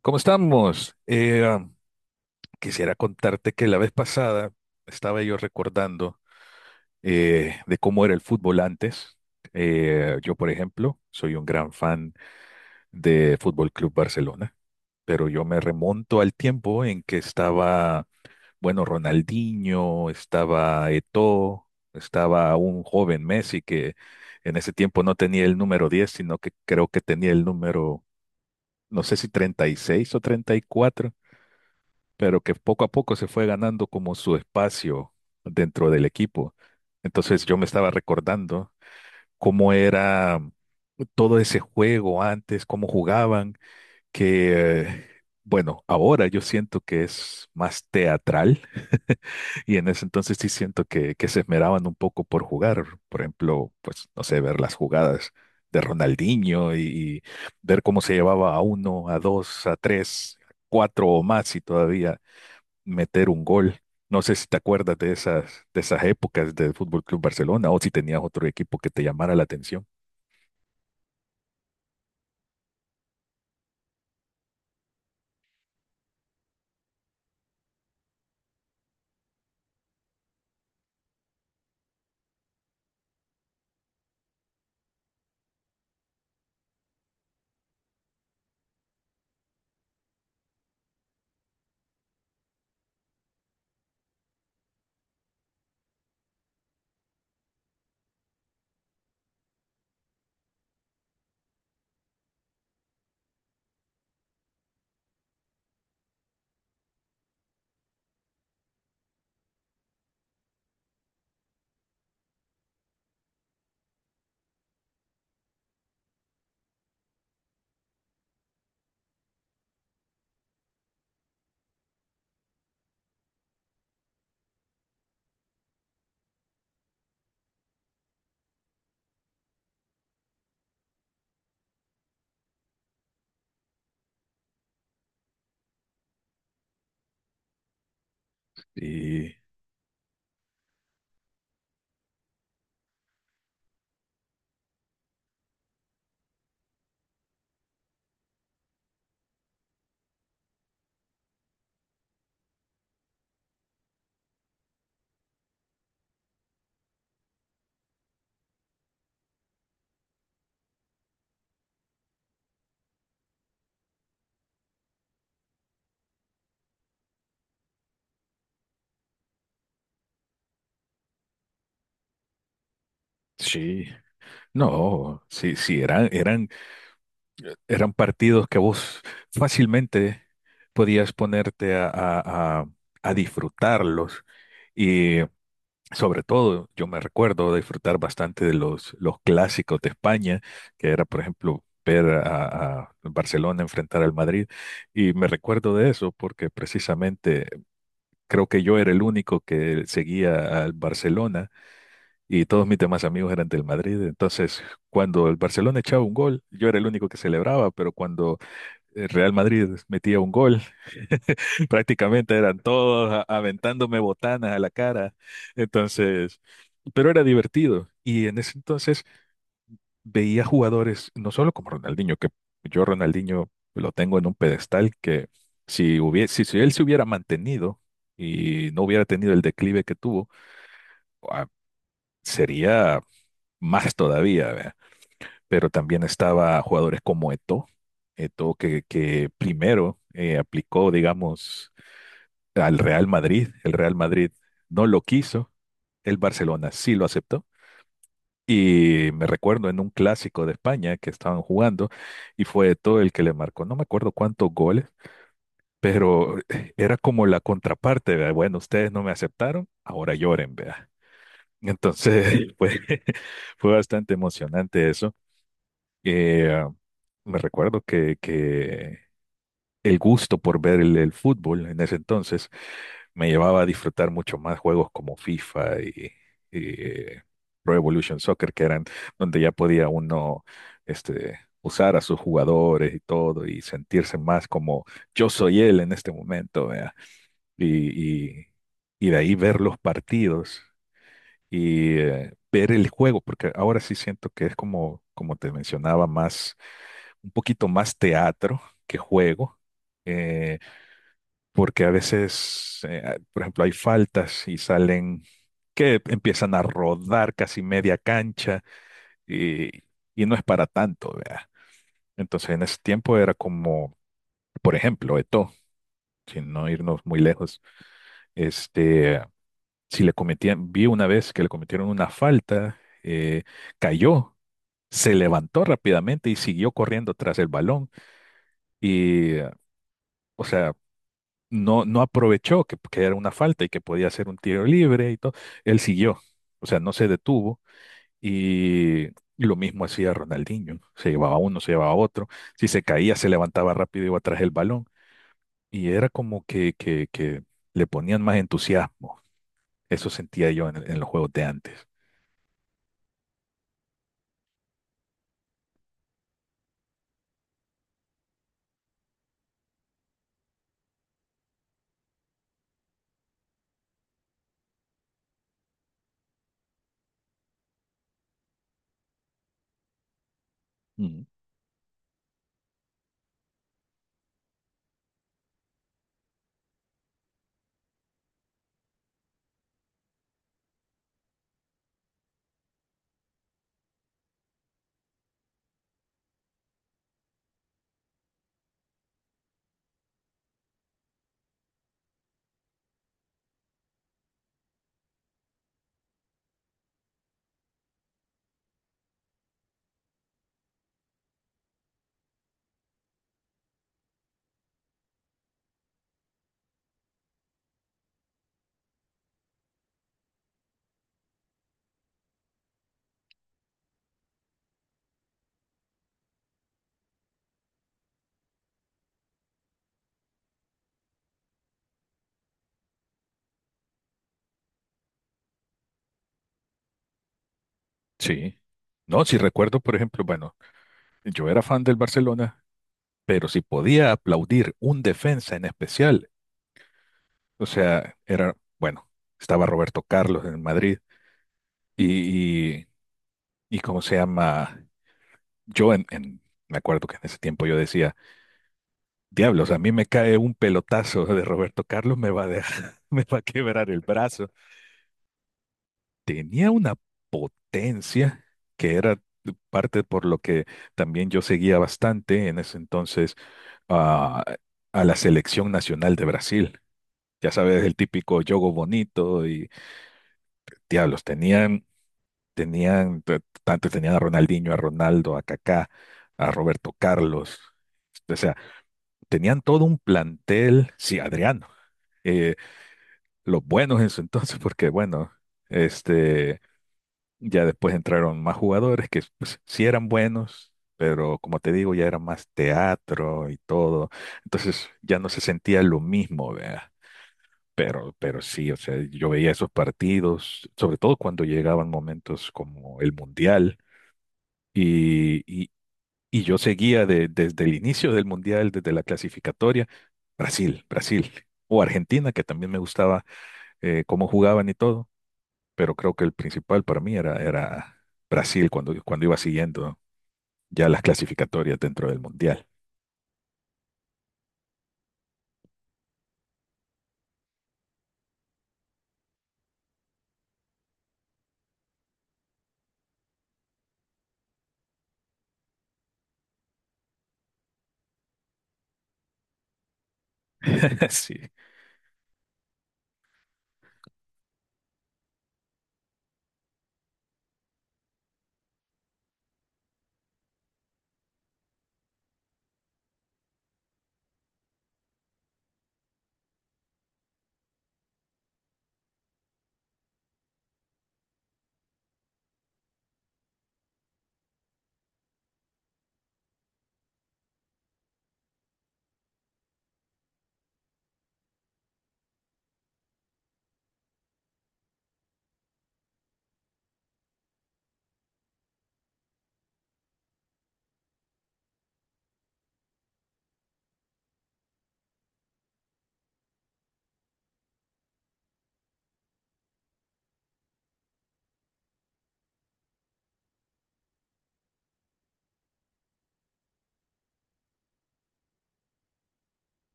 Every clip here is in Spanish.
¿Cómo estamos? Quisiera contarte que la vez pasada estaba yo recordando de cómo era el fútbol antes. Yo, por ejemplo, soy un gran fan de Fútbol Club Barcelona, pero yo me remonto al tiempo en que estaba, bueno, Ronaldinho, estaba Eto'o, estaba un joven Messi que en ese tiempo no tenía el número 10, sino que creo que tenía el número, no sé si 36 o 34. Pero que poco a poco se fue ganando como su espacio dentro del equipo. Entonces yo me estaba recordando cómo era todo ese juego antes, cómo jugaban, que bueno, ahora yo siento que es más teatral y en ese entonces sí siento que se esmeraban un poco por jugar, por ejemplo, pues no sé, ver las jugadas de Ronaldinho y ver cómo se llevaba a uno, a dos, a tres, cuatro o más y todavía meter un gol. No sé si te acuerdas de esas épocas del Fútbol Club Barcelona o si tenías otro equipo que te llamara la atención. Y sí, no, sí, sí, eran partidos que vos fácilmente podías ponerte a disfrutarlos. Sobre todo, yo me recuerdo disfrutar bastante de los clásicos de España, que era, por ejemplo, ver a Barcelona enfrentar al Madrid. Y me recuerdo de eso porque precisamente creo que yo era el único que seguía al Barcelona y todos mis demás amigos eran del Madrid. Entonces, cuando el Barcelona echaba un gol, yo era el único que celebraba, pero cuando el Real Madrid metía un gol, prácticamente eran todos aventándome botanas a la cara. Entonces, pero era divertido. Y en ese entonces veía jugadores, no solo como Ronaldinho, que yo Ronaldinho lo tengo en un pedestal que si hubiese, si él se hubiera mantenido y no hubiera tenido el declive que tuvo, ah, sería más todavía, ¿verdad? Pero también estaba jugadores como Eto'o, Eto'o que primero aplicó, digamos, al Real Madrid. El Real Madrid no lo quiso, el Barcelona sí lo aceptó. Y me recuerdo en un clásico de España que estaban jugando y fue todo el que le marcó. No me acuerdo cuántos goles, pero era como la contraparte, ¿verdad? Bueno, ustedes no me aceptaron, ahora lloren, vea. Entonces, pues, fue bastante emocionante eso. Eh, Me recuerdo que el gusto por ver el fútbol en ese entonces me llevaba a disfrutar mucho más juegos como FIFA y, eh, Pro Evolution Soccer, que eran donde ya podía uno este, usar a sus jugadores y todo y sentirse más como yo soy él en este momento, vea. Y, y, y de ahí ver los partidos y ver el juego, porque ahora sí siento que es como, como te mencionaba, más, un poquito más teatro que juego. Eh, Porque a veces, por ejemplo, hay faltas y salen que empiezan a rodar casi media cancha y, y no es para tanto, vea. Entonces en ese tiempo era como, por ejemplo, Eto'o, sin no irnos muy lejos, este, si le cometían, vi una vez que le cometieron una falta, eh, cayó, se levantó rápidamente y siguió corriendo tras el balón y, o sea, no aprovechó que era una falta y que podía ser un tiro libre y todo. Él siguió, o sea, no se detuvo y lo mismo hacía Ronaldinho. Se llevaba uno, se llevaba otro. Si se caía, se levantaba rápido y iba tras el balón. Y era como que le ponían más entusiasmo. Eso sentía yo en los juegos de antes. Mm, sí. No, si recuerdo, por ejemplo, bueno, yo era fan del Barcelona, pero si podía aplaudir un defensa en especial, o sea, era, bueno, estaba Roberto Carlos en Madrid y, y, y cómo se llama, yo en, en- me acuerdo que en ese tiempo yo decía, diablos, a mí me cae un pelotazo de Roberto Carlos, me va a dejar, me va a quebrar el brazo. Tenía una potencia que era parte por lo que también yo seguía bastante en ese entonces a, a la selección nacional de Brasil. Ya sabes, el típico yogo bonito y diablos, Tenían, te- antes tenían a Ronaldinho, a Ronaldo, a Kaká, a Roberto Carlos. O sea, tenían todo un plantel, sí, Adriano, eh, los buenos en su entonces, porque bueno, este, ya después entraron más jugadores que pues, sí eran buenos, pero como te digo, ya era más teatro y todo. Entonces ya no se sentía lo mismo, vea. Pero sí, o sea, yo veía esos partidos, sobre todo cuando llegaban momentos como el Mundial Y, y- y yo seguía desde el inicio del Mundial, desde la clasificatoria, Brasil, Brasil, o Argentina, que también me gustaba cómo jugaban y todo, pero creo que el principal para mí era, era Brasil cuando, cuando iba siguiendo ya las clasificatorias dentro del Mundial. Sí,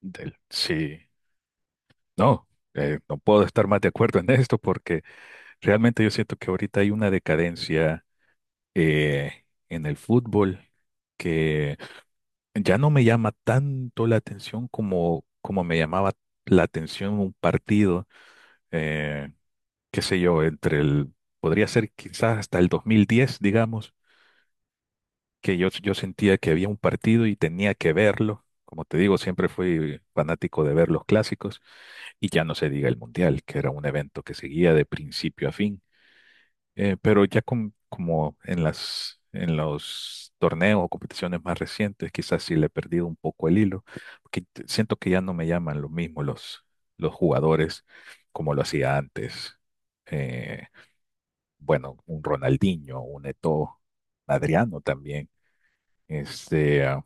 sí, no, no puedo estar más de acuerdo en esto porque realmente yo siento que ahorita hay una decadencia en el fútbol que ya no me llama tanto la atención como, como me llamaba la atención un partido, eh, qué sé yo, entre el, podría ser quizás hasta el 2010, digamos, que yo sentía que había un partido y tenía que verlo. Como te digo, siempre fui fanático de ver los clásicos y ya no se diga el mundial, que era un evento que seguía de principio a fin. Pero ya como en las, en los torneos o competiciones más recientes, quizás sí le he perdido un poco el hilo, porque siento que ya no me llaman lo mismo los jugadores como lo hacía antes. Eh, bueno, un Ronaldinho, un Eto'o, Adriano también. Este, ah,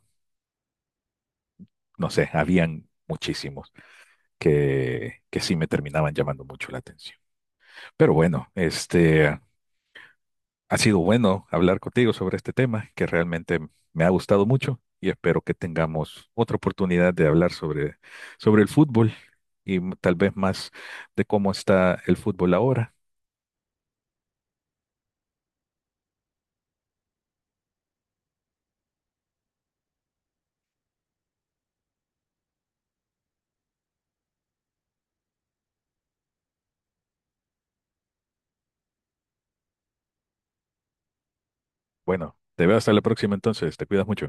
no sé, habían muchísimos que sí me terminaban llamando mucho la atención. Pero bueno, este, ha sido bueno hablar contigo sobre este tema que realmente me ha gustado mucho y espero que tengamos otra oportunidad de hablar sobre, sobre el fútbol y tal vez más de cómo está el fútbol ahora. Bueno, te veo hasta la próxima entonces, te cuidas mucho.